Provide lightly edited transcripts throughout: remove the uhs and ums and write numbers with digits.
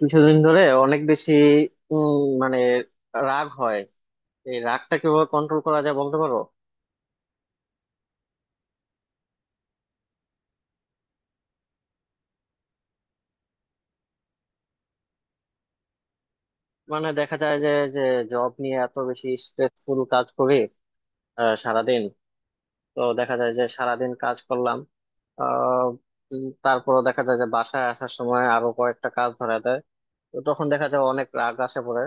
কিছুদিন ধরে অনেক বেশি উম মানে রাগ হয়। এই রাগটা কিভাবে কন্ট্রোল করা যায় বলতে পারো? মানে দেখা যায় যে যে জব নিয়ে এত বেশি স্ট্রেসফুল কাজ করি, সারাদিন। তো দেখা যায় যে সারাদিন কাজ করলাম। আহ তারপরও দেখা যায় যে বাসায় আসার সময় আরো কয়েকটা কাজ ধরা দেয়। তো তখন দেখা যায় অনেক রাগ আসে পড়ে।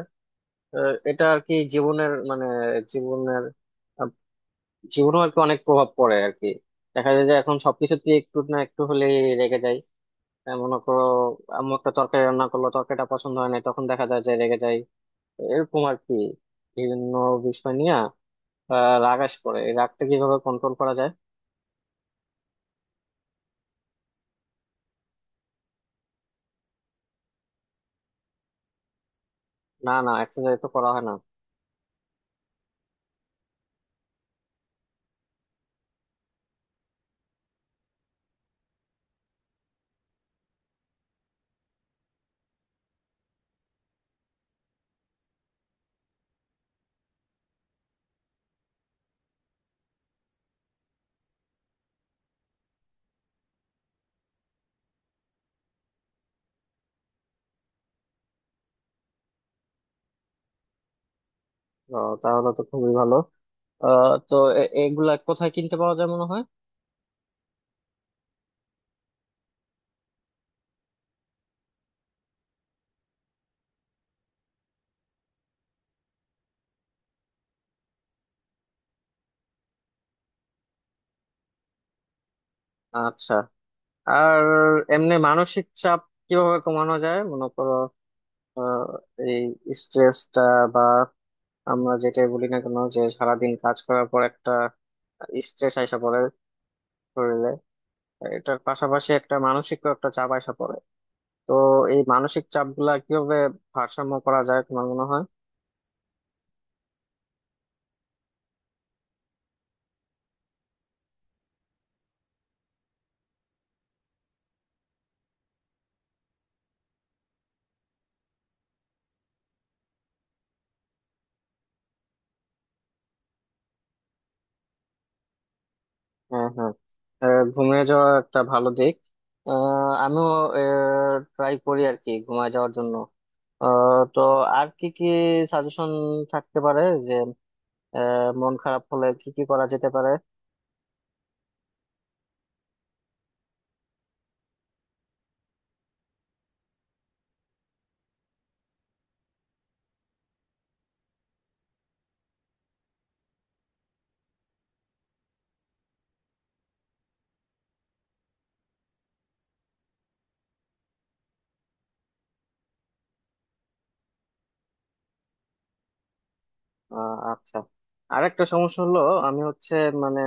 এটা আর কি জীবনের মানে জীবনের আহ, জীবনেও আর কি অনেক প্রভাব পড়ে আর কি। দেখা যায় যে এখন সবকিছুতে একটু না একটু হলে রেগে যাই। মনে করো, আম্মু একটা তরকারি রান্না করলো, তরকারিটা পছন্দ হয় না, তখন দেখা যায় যে রেগে যায়। এরকম আর কি বিভিন্ন বিষয় নিয়ে রাগ আস করে। এই রাগটা কিভাবে কন্ট্রোল করা যায়? না, না, এক্সারসাইজ তো করা হয় না। তো তাহলে তো খুবই ভালো। তো এগুলা কোথায় কিনতে পাওয়া যায় মনে হয়? আচ্ছা, আর এমনি মানসিক চাপ কিভাবে কমানো যায় মনে করো? আহ, এই স্ট্রেসটা বা আমরা যেটাই বলি না কেন, যে সারাদিন কাজ করার পর একটা স্ট্রেস আইসা পড়ে শরীরে। এটার পাশাপাশি একটা মানসিক একটা চাপ আসা পড়ে। তো এই মানসিক চাপ গুলা কিভাবে ভারসাম্য করা যায় তোমার মনে হয়? হ্যাঁ, হ্যাঁ, ঘুমিয়ে যাওয়া একটা ভালো দিক। আমিও ট্রাই করি আর কি ঘুমিয়ে যাওয়ার জন্য। তো আর কি কি সাজেশন থাকতে পারে যে মন খারাপ হলে কি কি করা যেতে পারে? আচ্ছা, আরেকটা সমস্যা হলো, আমি হচ্ছে মানে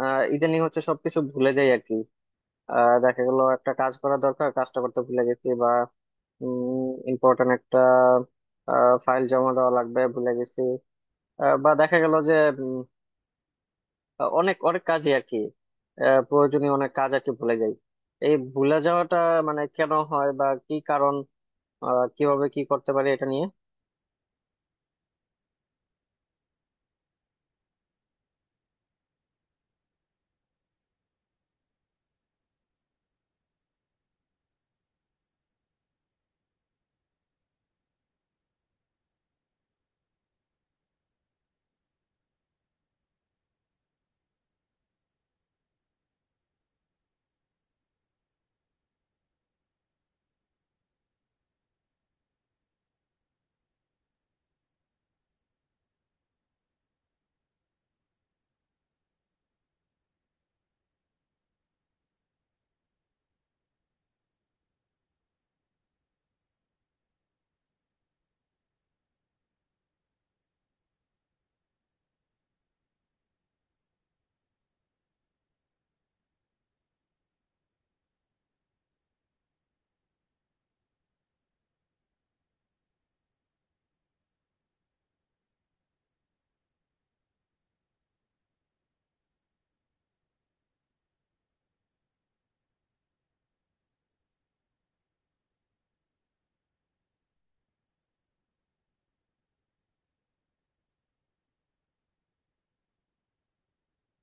ইদানিং হচ্ছে সবকিছু ভুলে যাই আর কি। দেখা গেল একটা কাজ করা দরকার, কাজটা করতে ভুলে গেছি। ইম্পর্টেন্ট একটা ফাইল জমা দেওয়া লাগবে, ভুলে গেছি। বা দেখা গেল যে উম, অনেক অনেক কাজই আর কি, প্রয়োজনীয় অনেক কাজ আর কি ভুলে যাই। এই ভুলে যাওয়াটা মানে কেন হয় বা কি কারণ, কিভাবে কি করতে পারি এটা নিয়ে?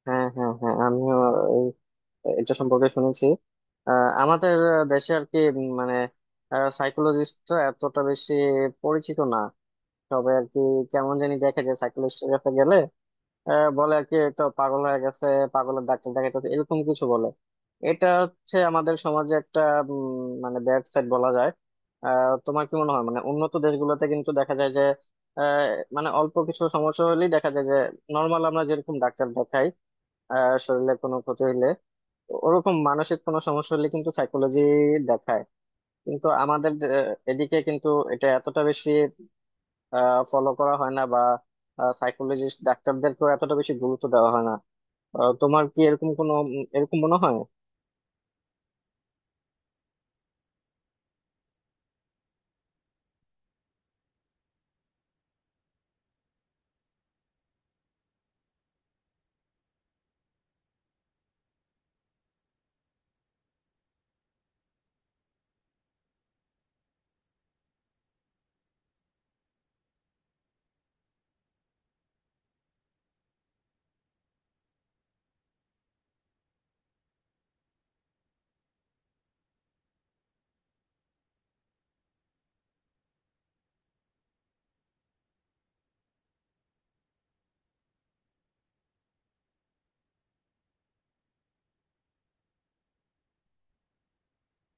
হ্যাঁ, হ্যাঁ, হ্যাঁ, আমিও এই- এটা সম্পর্কে শুনেছি। আমাদের দেশে আর কি মানে সাইকোলজিস্টরা এতটা বেশি পরিচিত না। তবে আর কি কেমন জানি দেখা যায় সাইকোলজিস্টের কাছে গেলে বলে আর কি তো পাগল হয়ে গেছে, পাগলের ডাক্তার দেখাইতেছে, এরকম কিছু বলে। এটা হচ্ছে আমাদের সমাজে একটা মানে ব্যাড সাইড বলা যায়। তোমার কি মনে হয়, মানে উন্নত দেশগুলোতে কিন্তু দেখা যায় যে আহ, মানে অল্প কিছু সমস্যা হলেই দেখা যায় যে নর্মাল আমরা যেরকম ডাক্তার দেখাই শরীরে কোনো ক্ষতি হলে, ওরকম মানসিক কোনো সমস্যা হলে কিন্তু সাইকোলজি দেখায়। কিন্তু আমাদের এদিকে কিন্তু এটা এতটা বেশি ফলো করা হয় না, বা সাইকোলজিস্ট ডাক্তারদেরকেও এতটা বেশি গুরুত্ব দেওয়া হয় না। তোমার কি এরকম কোনো এরকম মনে হয়?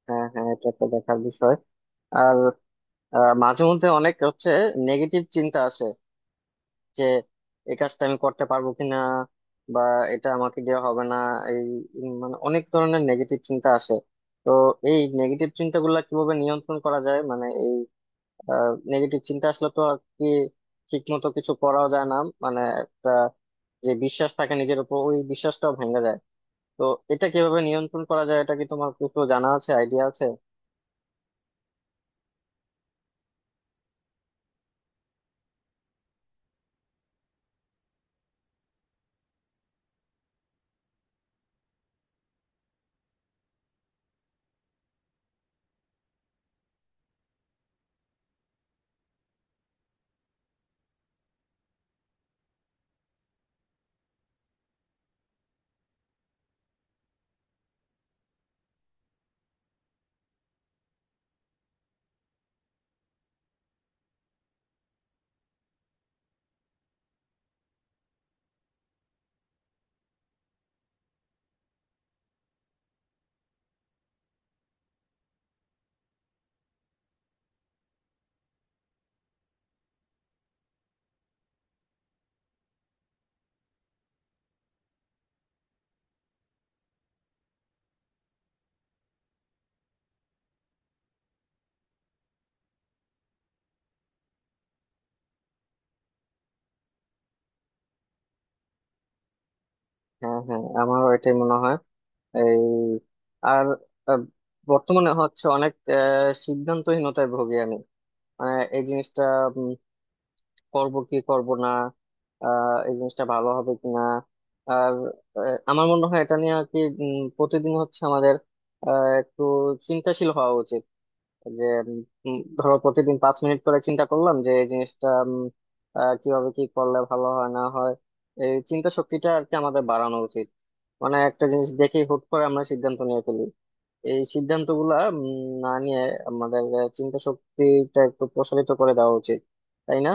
হ্যাঁ, হ্যাঁ, এটা একটা দেখার বিষয়। আর মাঝে মধ্যে অনেক হচ্ছে নেগেটিভ চিন্তা আসে, যে এই কাজটা আমি করতে পারবো কিনা, বা এটা আমাকে দেওয়া হবে না, এই মানে অনেক ধরনের নেগেটিভ চিন্তা আসে। তো এই নেগেটিভ চিন্তাগুলো কিভাবে নিয়ন্ত্রণ করা যায়? মানে এই নেগেটিভ চিন্তা আসলে তো আর কি ঠিক মতো কিছু করাও যায় না। মানে একটা যে বিশ্বাস থাকে নিজের উপর, ওই বিশ্বাসটাও ভেঙে যায়। তো এটা কিভাবে নিয়ন্ত্রণ করা যায়? এটা কি তোমার কিছু জানা আছে, আইডিয়া আছে? হ্যাঁ, হ্যাঁ, আমারও এটাই মনে হয়। এই আর আহ, বর্তমানে হচ্ছে অনেক সিদ্ধান্তহীনতায় ভুগি আমি। মানে এই জিনিসটা উম, করব কি করব না, এই জিনিসটা ভালো হবে কি না। আর আমার মনে হয় এটা নিয়ে আর কি প্রতিদিন হচ্ছে আমাদের একটু চিন্তাশীল হওয়া উচিত। যে ধরো প্রতিদিন 5 মিনিট করে চিন্তা করলাম যে এই জিনিসটা কিভাবে কি করলে ভালো হয় না হয়। এই চিন্তা শক্তিটা আর কি আমাদের বাড়ানো উচিত। মানে একটা জিনিস দেখে হুট করে আমরা সিদ্ধান্ত নিয়ে ফেলি। এই সিদ্ধান্ত গুলা না নিয়ে আমাদের চিন্তা শক্তিটা একটু প্রসারিত করে দেওয়া উচিত, তাই না?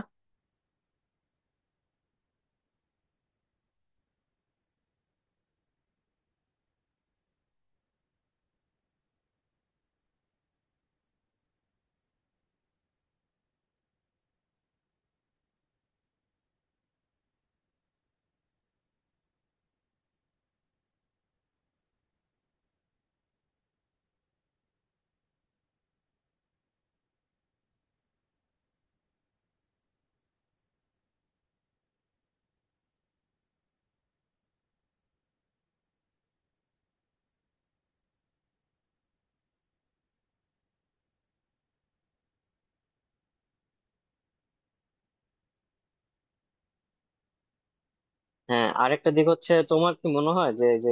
হ্যাঁ, আরেকটা দিক হচ্ছে, তোমার কি মনে হয় যে এই যে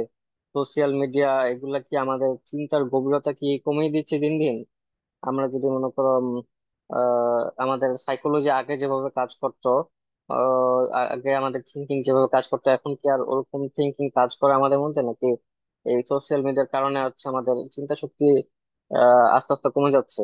সোশিয়াল মিডিয়া এগুলা কি আমাদের চিন্তার গভীরতা কি কমিয়ে দিচ্ছে দিন দিন? আমরা যদি মনে করো আহ, আমাদের সাইকোলজি আগে যেভাবে কাজ করতো, আগে আমাদের থিঙ্কিং যেভাবে কাজ করতো, এখন কি আর ওরকম থিঙ্কিং কাজ করে আমাদের মধ্যে নাকি? এই সোশ্যাল মিডিয়ার কারণে হচ্ছে আমাদের চিন্তা শক্তি আস্তে আস্তে কমে যাচ্ছে।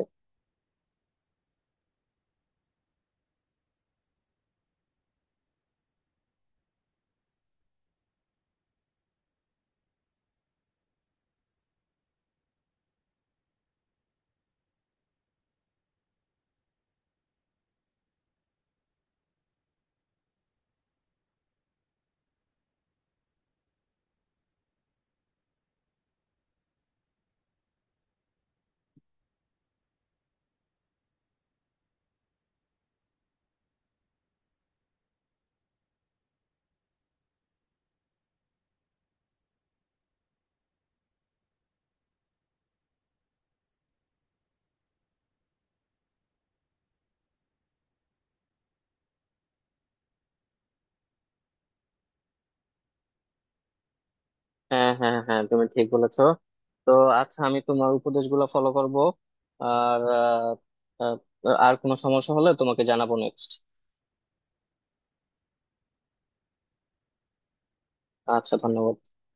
হ্যাঁ, হ্যাঁ, হ্যাঁ, তুমি ঠিক বলেছো। তো আচ্ছা, আমি তোমার উপদেশগুলো ফলো করব। আর আহ, আহ, আর কোনো সমস্যা হলে তোমাকে জানাবো নেক্সট। আচ্ছা, ধন্যবাদ।